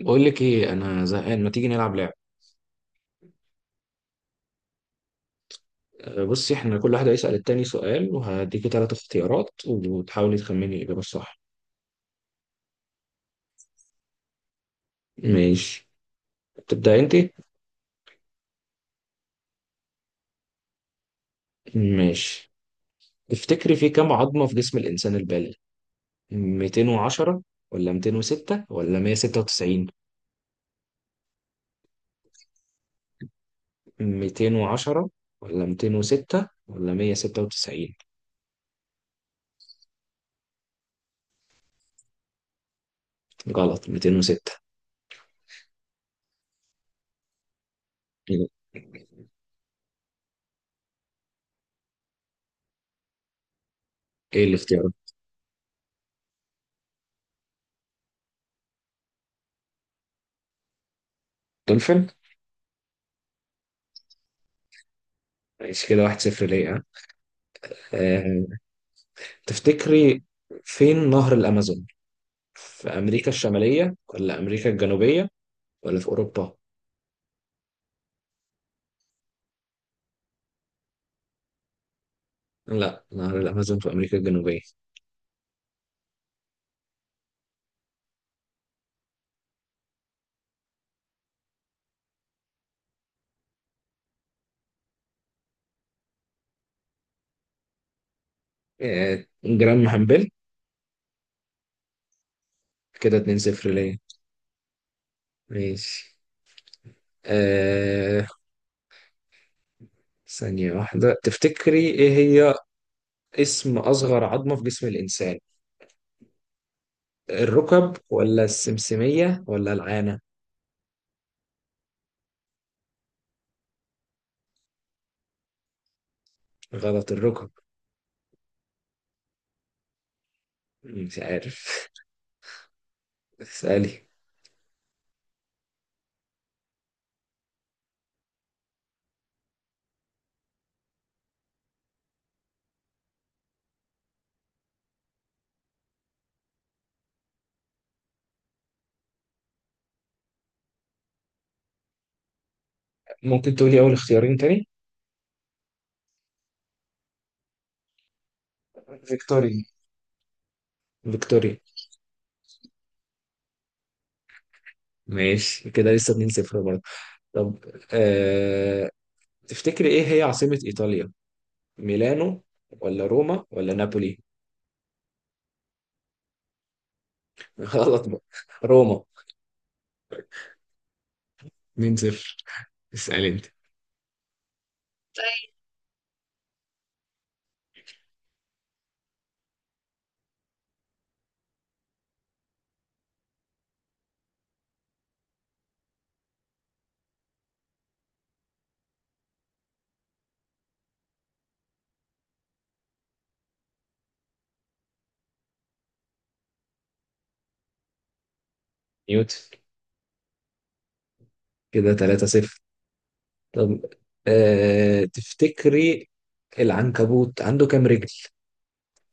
بقول لك ايه، انا زهقان، ما تيجي نلعب لعب؟ بصي، احنا كل واحد هيسأل التاني سؤال وهديكي ثلاث اختيارات وتحاولي تخمني الاجابه الصح. ماشي. تبدأ انت. ماشي. تفتكري في كام عظمه في جسم الانسان البالغ؟ 210 ولا 206 ولا 196؟ 210 ولا 206 ولا 196؟ غلط، 206. ايه الاختيار؟ دولفين. ماشي، كده 1-0 ليه، ها؟ أه تفتكري فين نهر الامازون؟ في أمريكا الشمالية ولا أمريكا الجنوبية ولا في أوروبا؟ لا، نهر الأمازون في أمريكا الجنوبية. جرام محمبل. كده 2-0 ليا. ماشي. آه ثانية واحدة، تفتكري إيه هي اسم أصغر عظمة في جسم الإنسان؟ الركب ولا السمسمية ولا العانة؟ غلط، الركب. مش عارف. اسألي. ممكن تقولي أول اختيارين تاني؟ فيكتوريا، فيكتوريا. ماشي، كده لسه 2-0 برضه. طب، آه تفتكري ايه هي عاصمة ايطاليا؟ ميلانو ولا روما ولا نابولي؟ غلط بقى، روما. مين صفر. اسأل انت. نيوتن. كده 3 صفر. طب، تفتكري العنكبوت عنده كام رجل؟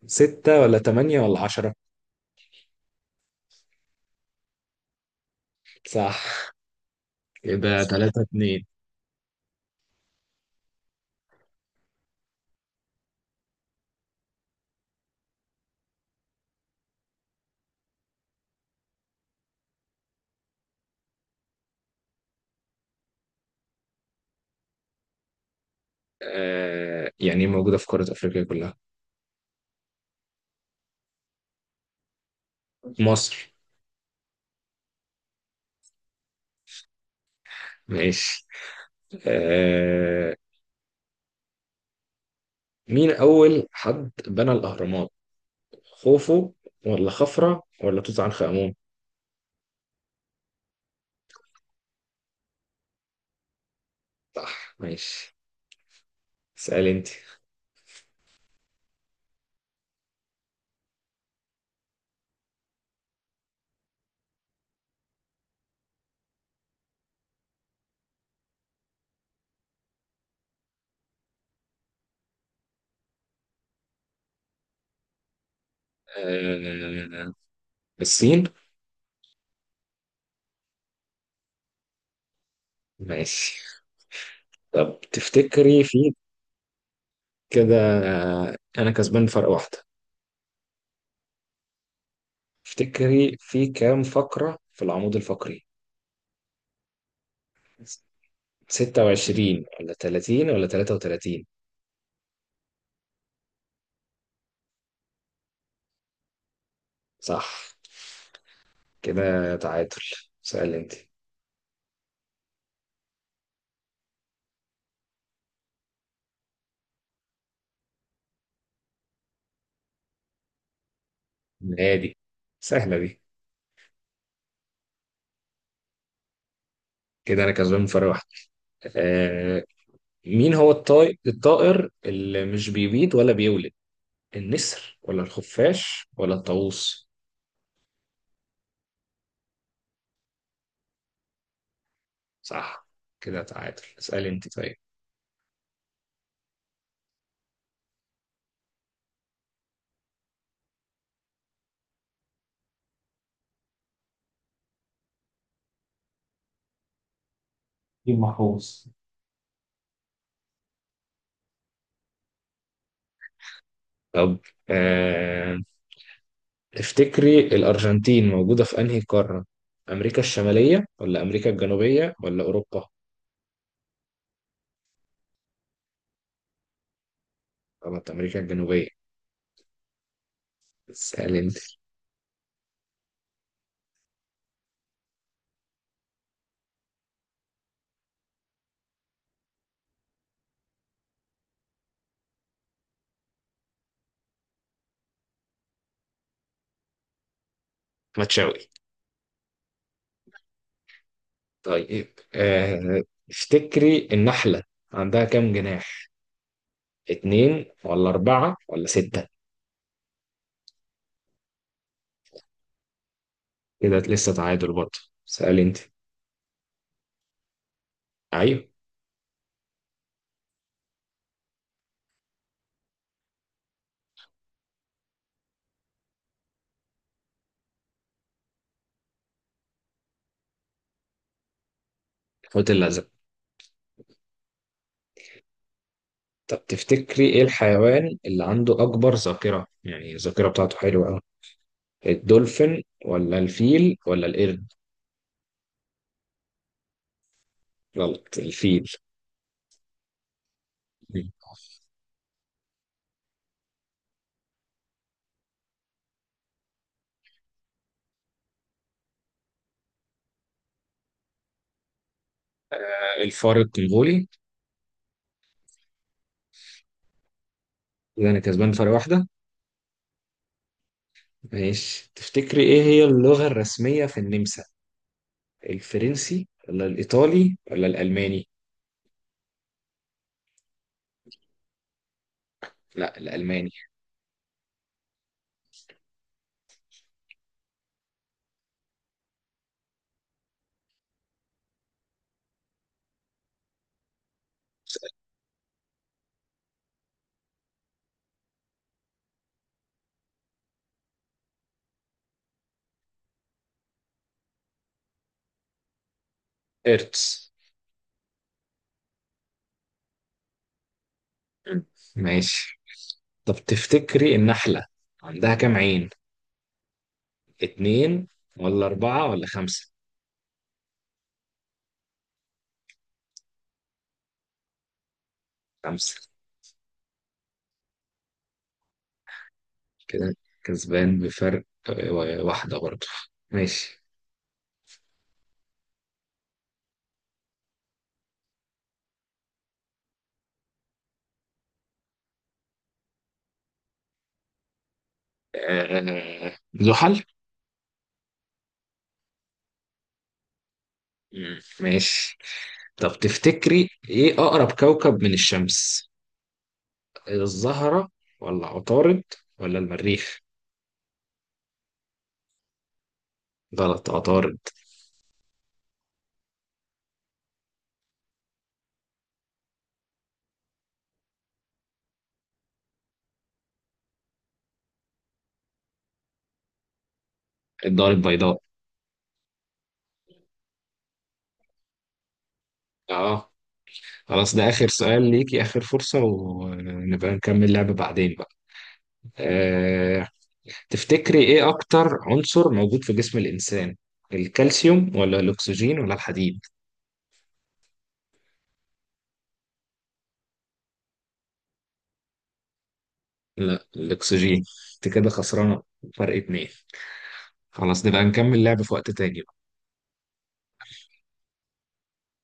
ستة ولا تمانية ولا 10؟ صح، كده 3-2. يعني موجودة في قارة افريقيا كلها؟ مصر. ماشي. آه مين اول حد بنى الاهرامات؟ خوفو ولا خفرة ولا توت عنخ آمون؟ صح، ماشي. اسأل انت. آه، الصين. ماشي. طب، تفتكري في كده، انا كسبان فرق واحدة. تفتكري في كام فقرة في العمود الفقري؟ 26 ولا 30 ولا 33؟ صح، كده تعادل. سأل انت. نادي. سهلة دي. كده انا كسبان فرق واحدة. آه، مين هو الطائر اللي مش بيبيض ولا بيولد؟ النسر ولا الخفاش ولا الطاووس؟ صح، كده تعادل. اسألي انت، طيب. نجيب محفوظ. طب، آه... افتكري الأرجنتين موجودة في أنهي قارة؟ أمريكا الشمالية ولا أمريكا الجنوبية ولا أوروبا؟ طبعا أمريكا الجنوبية. اسألي انت. ما تشاوي. طيب، آه... افتكري النحلة عندها كام جناح؟ اتنين ولا أربعة ولا ستة؟ كده لسه تعادل برضه. سأل انت. ايوه. الحوت الازرق. طب تفتكري ايه الحيوان اللي عنده اكبر ذاكرة، يعني الذاكرة بتاعته حلوة قوي؟ الدولفين ولا الفيل ولا القرد؟ غلط، الفيل. الفار الكونغولي. كده انا كسبان فرق واحدة. ماشي، تفتكري ايه هي اللغة الرسمية في النمسا؟ الفرنسي ولا الايطالي ولا الالماني؟ لا، الالماني. ارتس. ماشي. طب تفتكري النحلة عندها كام عين؟ اتنين ولا أربعة ولا خمسة؟ خمسة. كده كسبان بفرق، آه، واحدة برضه. ماشي. زحل. مم، ماشي. طب تفتكري إيه أقرب كوكب من الشمس؟ الزهرة ولا عطارد ولا المريخ؟ غلط، عطارد. الدار البيضاء. اه. خلاص، ده آخر سؤال ليكي، آخر فرصة ونبقى نكمل لعبة بعدين بقى. آه، تفتكري ايه اكتر عنصر موجود في جسم الانسان؟ الكالسيوم ولا الاكسجين ولا الحديد؟ لا، الاكسجين. انت كده خسرانه فرق اتنين. خلاص، نبقى نكمل لعب في وقت تاني.